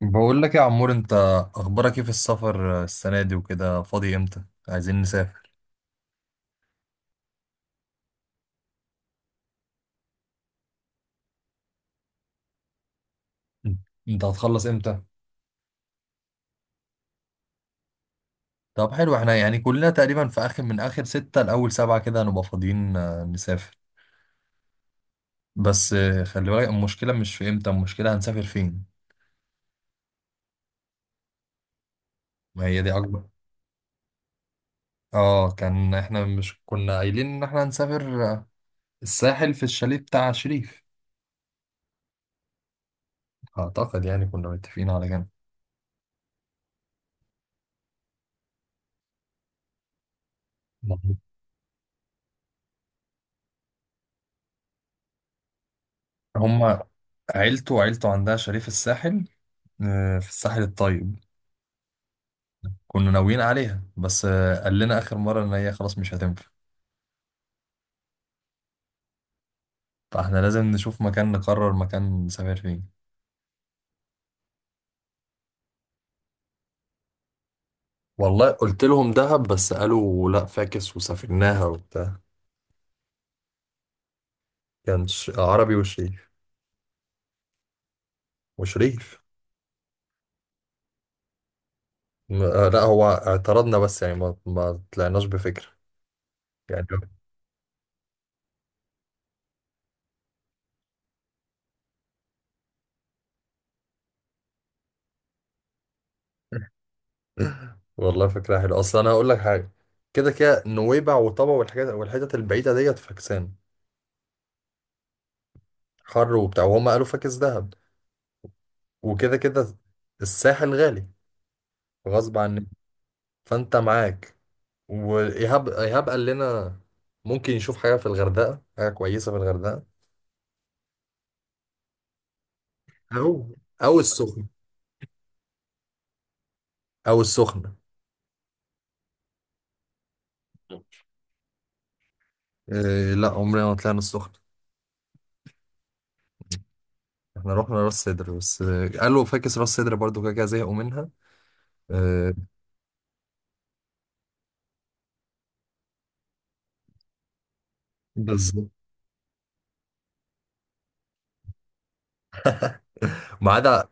بقول لك يا عمور، انت اخبارك ايه في السفر السنه دي وكده؟ فاضي امتى؟ عايزين نسافر. انت هتخلص امتى؟ طب حلو، احنا يعني كلنا تقريبا في اخر من اخر ستة لاول سبعة كده هنبقى فاضيين، نسافر. بس خلي بالك، المشكله مش في امتى، المشكله هنسافر فين. ما هي دي اكبر. اه، كان احنا مش كنا قايلين ان احنا هنسافر، الساحل في الشاليه بتاع شريف. اعتقد يعني كنا متفقين على كده. هم عيلته، وعيلته عندها شاليه في الساحل، في الساحل الطيب. كنا ناويين عليها، بس قال لنا آخر مرة إن هي خلاص مش هتنفع. فاحنا لازم نشوف مكان، نقرر مكان نسافر فين. والله قلت لهم دهب، بس قالوا لا فاكس، وسافرناها وبتاع. كان عربي وشريف. لا، هو اعترضنا، بس يعني ما طلعناش بفكرة يعني. والله فكرة حلوة، أصل أنا هقول لك حاجة. كده كده نويبع وطبع والحاجات والحتت البعيدة ديت فاكسان، حر وبتاع، وهم قالوا فاكس دهب. وكده كده الساحل غالي، غصب عننا. فانت معاك، وايهاب قال لنا ممكن يشوف حاجه في الغردقه، حاجه كويسه في الغردقه. او او السخنه او السخنه إيه، لا، عمرنا ما طلعنا السخنه. احنا رحنا راس سدر بس قالوا فاكس راس سدر برضو، كده كده زهقوا منها، آه. بالظبط، ما عدا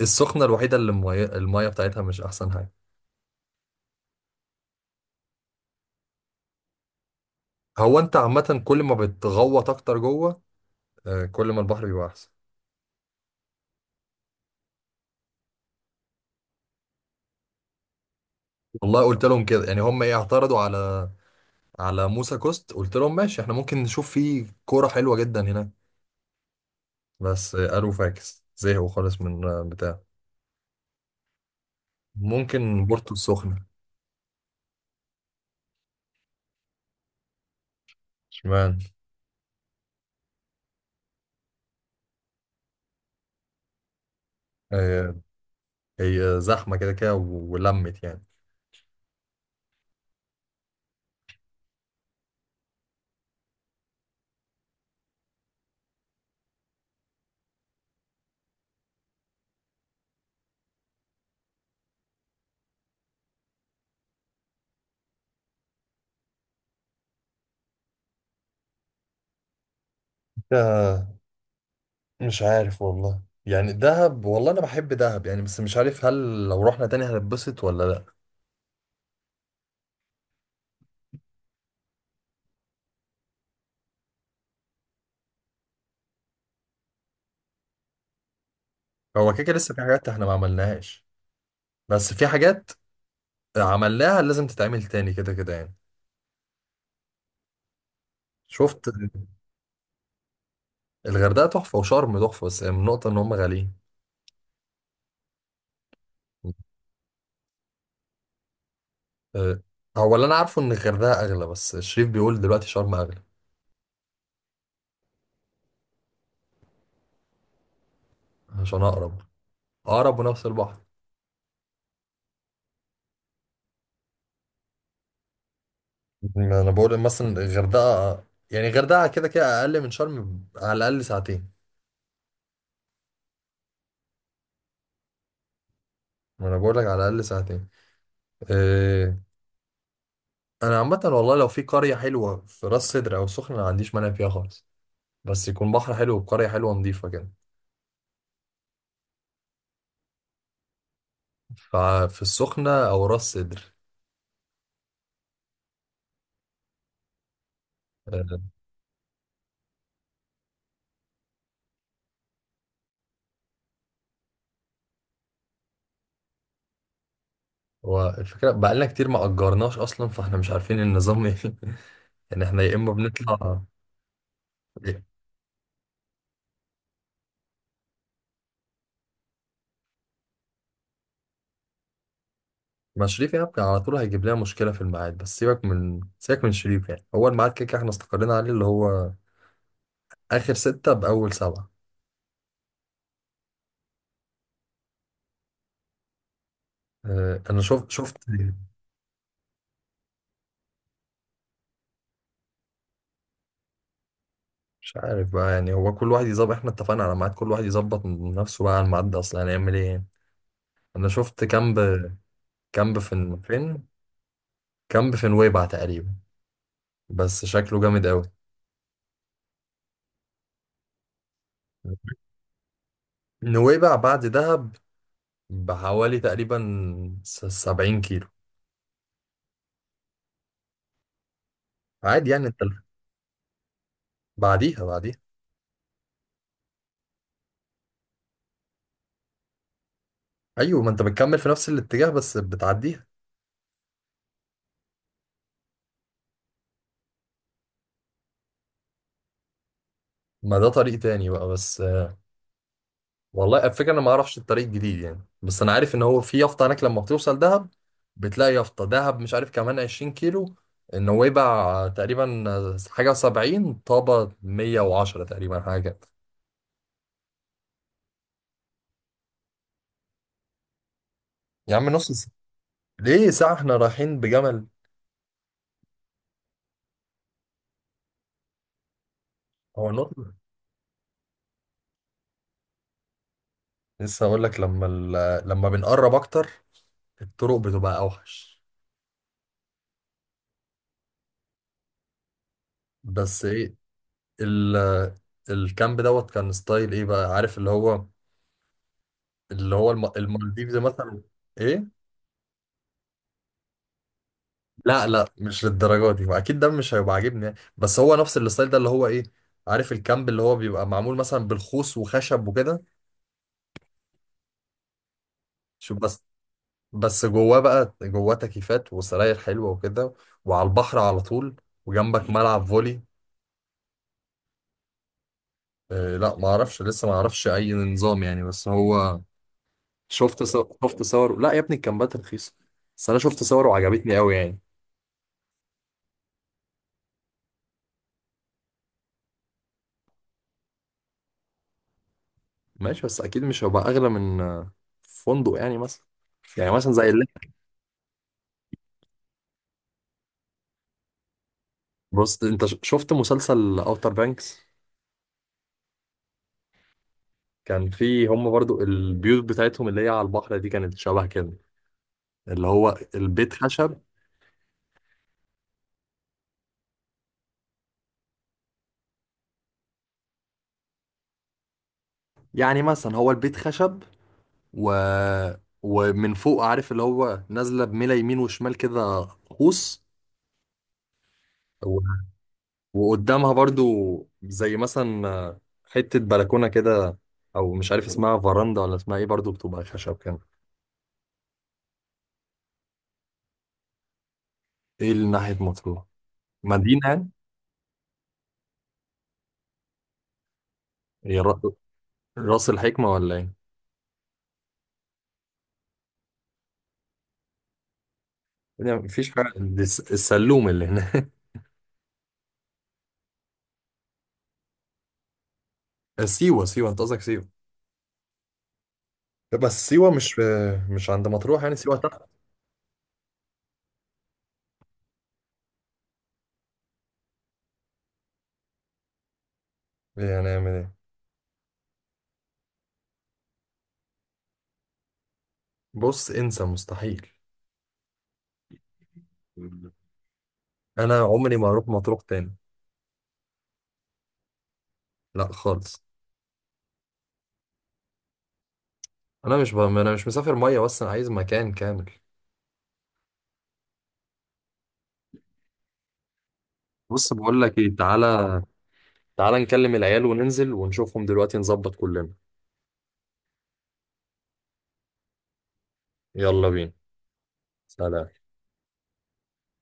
السخنه الوحيده اللي الميه بتاعتها مش احسن حاجه. هو انت عامه كل ما بتغوط اكتر جوه، كل ما البحر بيبقى احسن. والله قلت لهم كده، يعني هم ايه اعترضوا على على موسى كوست. قلت لهم ماشي احنا ممكن نشوف فيه كورة حلوة جدا هناك، بس قالوا فاكس، زهقوا خالص من بتاع. ممكن بورتو السخنة. اشمعنى؟ آه. هي زحمة كده كده ولمت يعني، آه. مش عارف والله، يعني دهب، والله انا بحب دهب يعني، بس مش عارف هل لو رحنا تاني هنتبسط ولا لا. هو كده كده لسه في حاجات احنا ما عملناهاش، بس في حاجات عملناها لازم تتعمل تاني، كده كده يعني. شفت؟ الغردقة تحفة وشرم تحفة، بس النقطة ان هم غاليين. أه، هو اللي انا عارفه ان الغردقه اغلى، بس الشريف بيقول دلوقتي شرم اغلى. عشان اقرب، اقرب ونفس البحر. ما انا بقول مثلا الغردقه، يعني الغردقه كده كده اقل من شرم على الاقل ساعتين. ما انا بقول لك على الاقل ساعتين، أه. انا عامه والله لو في قريه حلوه في راس سدر او السخنه ما عنديش مانع فيها خالص، بس يكون بحر حلو وقريه حلوه نظيفه كده. ففي السخنه او راس سدر، أه. والفكره بقالنا كتير ما اجرناش اصلا، فاحنا مش عارفين النظام ايه يعني احنا يا اما بنطلع. ما شريف يعني كان على طول هيجيب لنا مشكلة في الميعاد، بس سيبك من شريف. يعني هو الميعاد كده كده احنا استقرينا عليه، اللي هو آخر ستة بأول سبعة. اه، أنا شفت. مش عارف بقى، يعني هو كل واحد يظبط، احنا اتفقنا على ميعاد، كل واحد يظبط من نفسه بقى على الميعاد ده، أصلا هنعمل إيه يعني. أنا شفت كامب. كامب في فين؟ كامب في نويبع تقريبا، بس شكله جامد أوي. نويبع بعد دهب بحوالي تقريبا 70 كيلو، عادي يعني. أنت بعديها. ايوه، ما انت بتكمل في نفس الاتجاه بس بتعديها. ما ده طريق تاني بقى، بس والله الفكره انا ما اعرفش الطريق الجديد يعني، بس انا عارف ان هو في يافطه هناك لما بتوصل دهب، بتلاقي يافطه دهب مش عارف كمان 20 كيلو. النويبع تقريبا حاجه 70، طابه 110 تقريبا، حاجه كده. يا عم نص ساعه. ليه ساعه؟ احنا رايحين بجمل؟ هو نقطة، لسه هقول لك لما ال... لما بنقرب اكتر الطرق بتبقى اوحش. بس ايه، ال الكامب دوت، كان ستايل ايه بقى، عارف اللي هو اللي هو المالديفز مثلا. ايه؟ لا لا، مش للدرجه دي، واكيد ده مش هيبقى عاجبني يعني. بس هو نفس الستايل ده اللي هو ايه، عارف الكامب اللي هو بيبقى معمول مثلا بالخوص وخشب وكده. شوف بس. بس جواه بقى جواه تكييفات وسراير حلوه وكده، وعلى البحر على طول، وجنبك ملعب فولي. آه لا، ما اعرفش لسه، ما اعرفش اي نظام يعني، بس هو شفت صور. لا يا ابني، الكامبات رخيصه. بس انا شفت صور وعجبتني قوي يعني. ماشي، بس اكيد مش هيبقى اغلى من فندق يعني مثلا، يعني مثلا زي اللي... بص، انت شفت مسلسل اوتر بانكس؟ كان فيه هم برضو البيوت بتاعتهم اللي هي على البحر دي كانت شبه كده، اللي هو البيت خشب. يعني مثلا هو البيت خشب، و... ومن فوق، عارف اللي هو نازلة بميلة يمين وشمال كده قوس، و... وقدامها برضو زي مثلا حتة بلكونة كده، او مش عارف اسمها فراندا ولا اسمها ايه، برضو بتبقى خشب كده. ايه اللي ناحية مطروح؟ مدينة يعني. هي راس الحكمة ولا ايه؟ يعني مفيش حاجة دي السلوم اللي هناك. سيوة، سيوة، انت قصدك سيوة. بس سيوة مش في، مش عند مطروح يعني، سيوة تحت. يعني هنعمل ايه. بص، انسى، مستحيل. انا عمري ما اروح مطروح تاني. لا خالص. انا مش ب... انا مش مسافر مية، بس انا عايز مكان كامل. بص بقول لك ايه، تعالى تعالى نكلم العيال وننزل ونشوفهم دلوقتي نظبط كلنا. يلا بينا. سلام.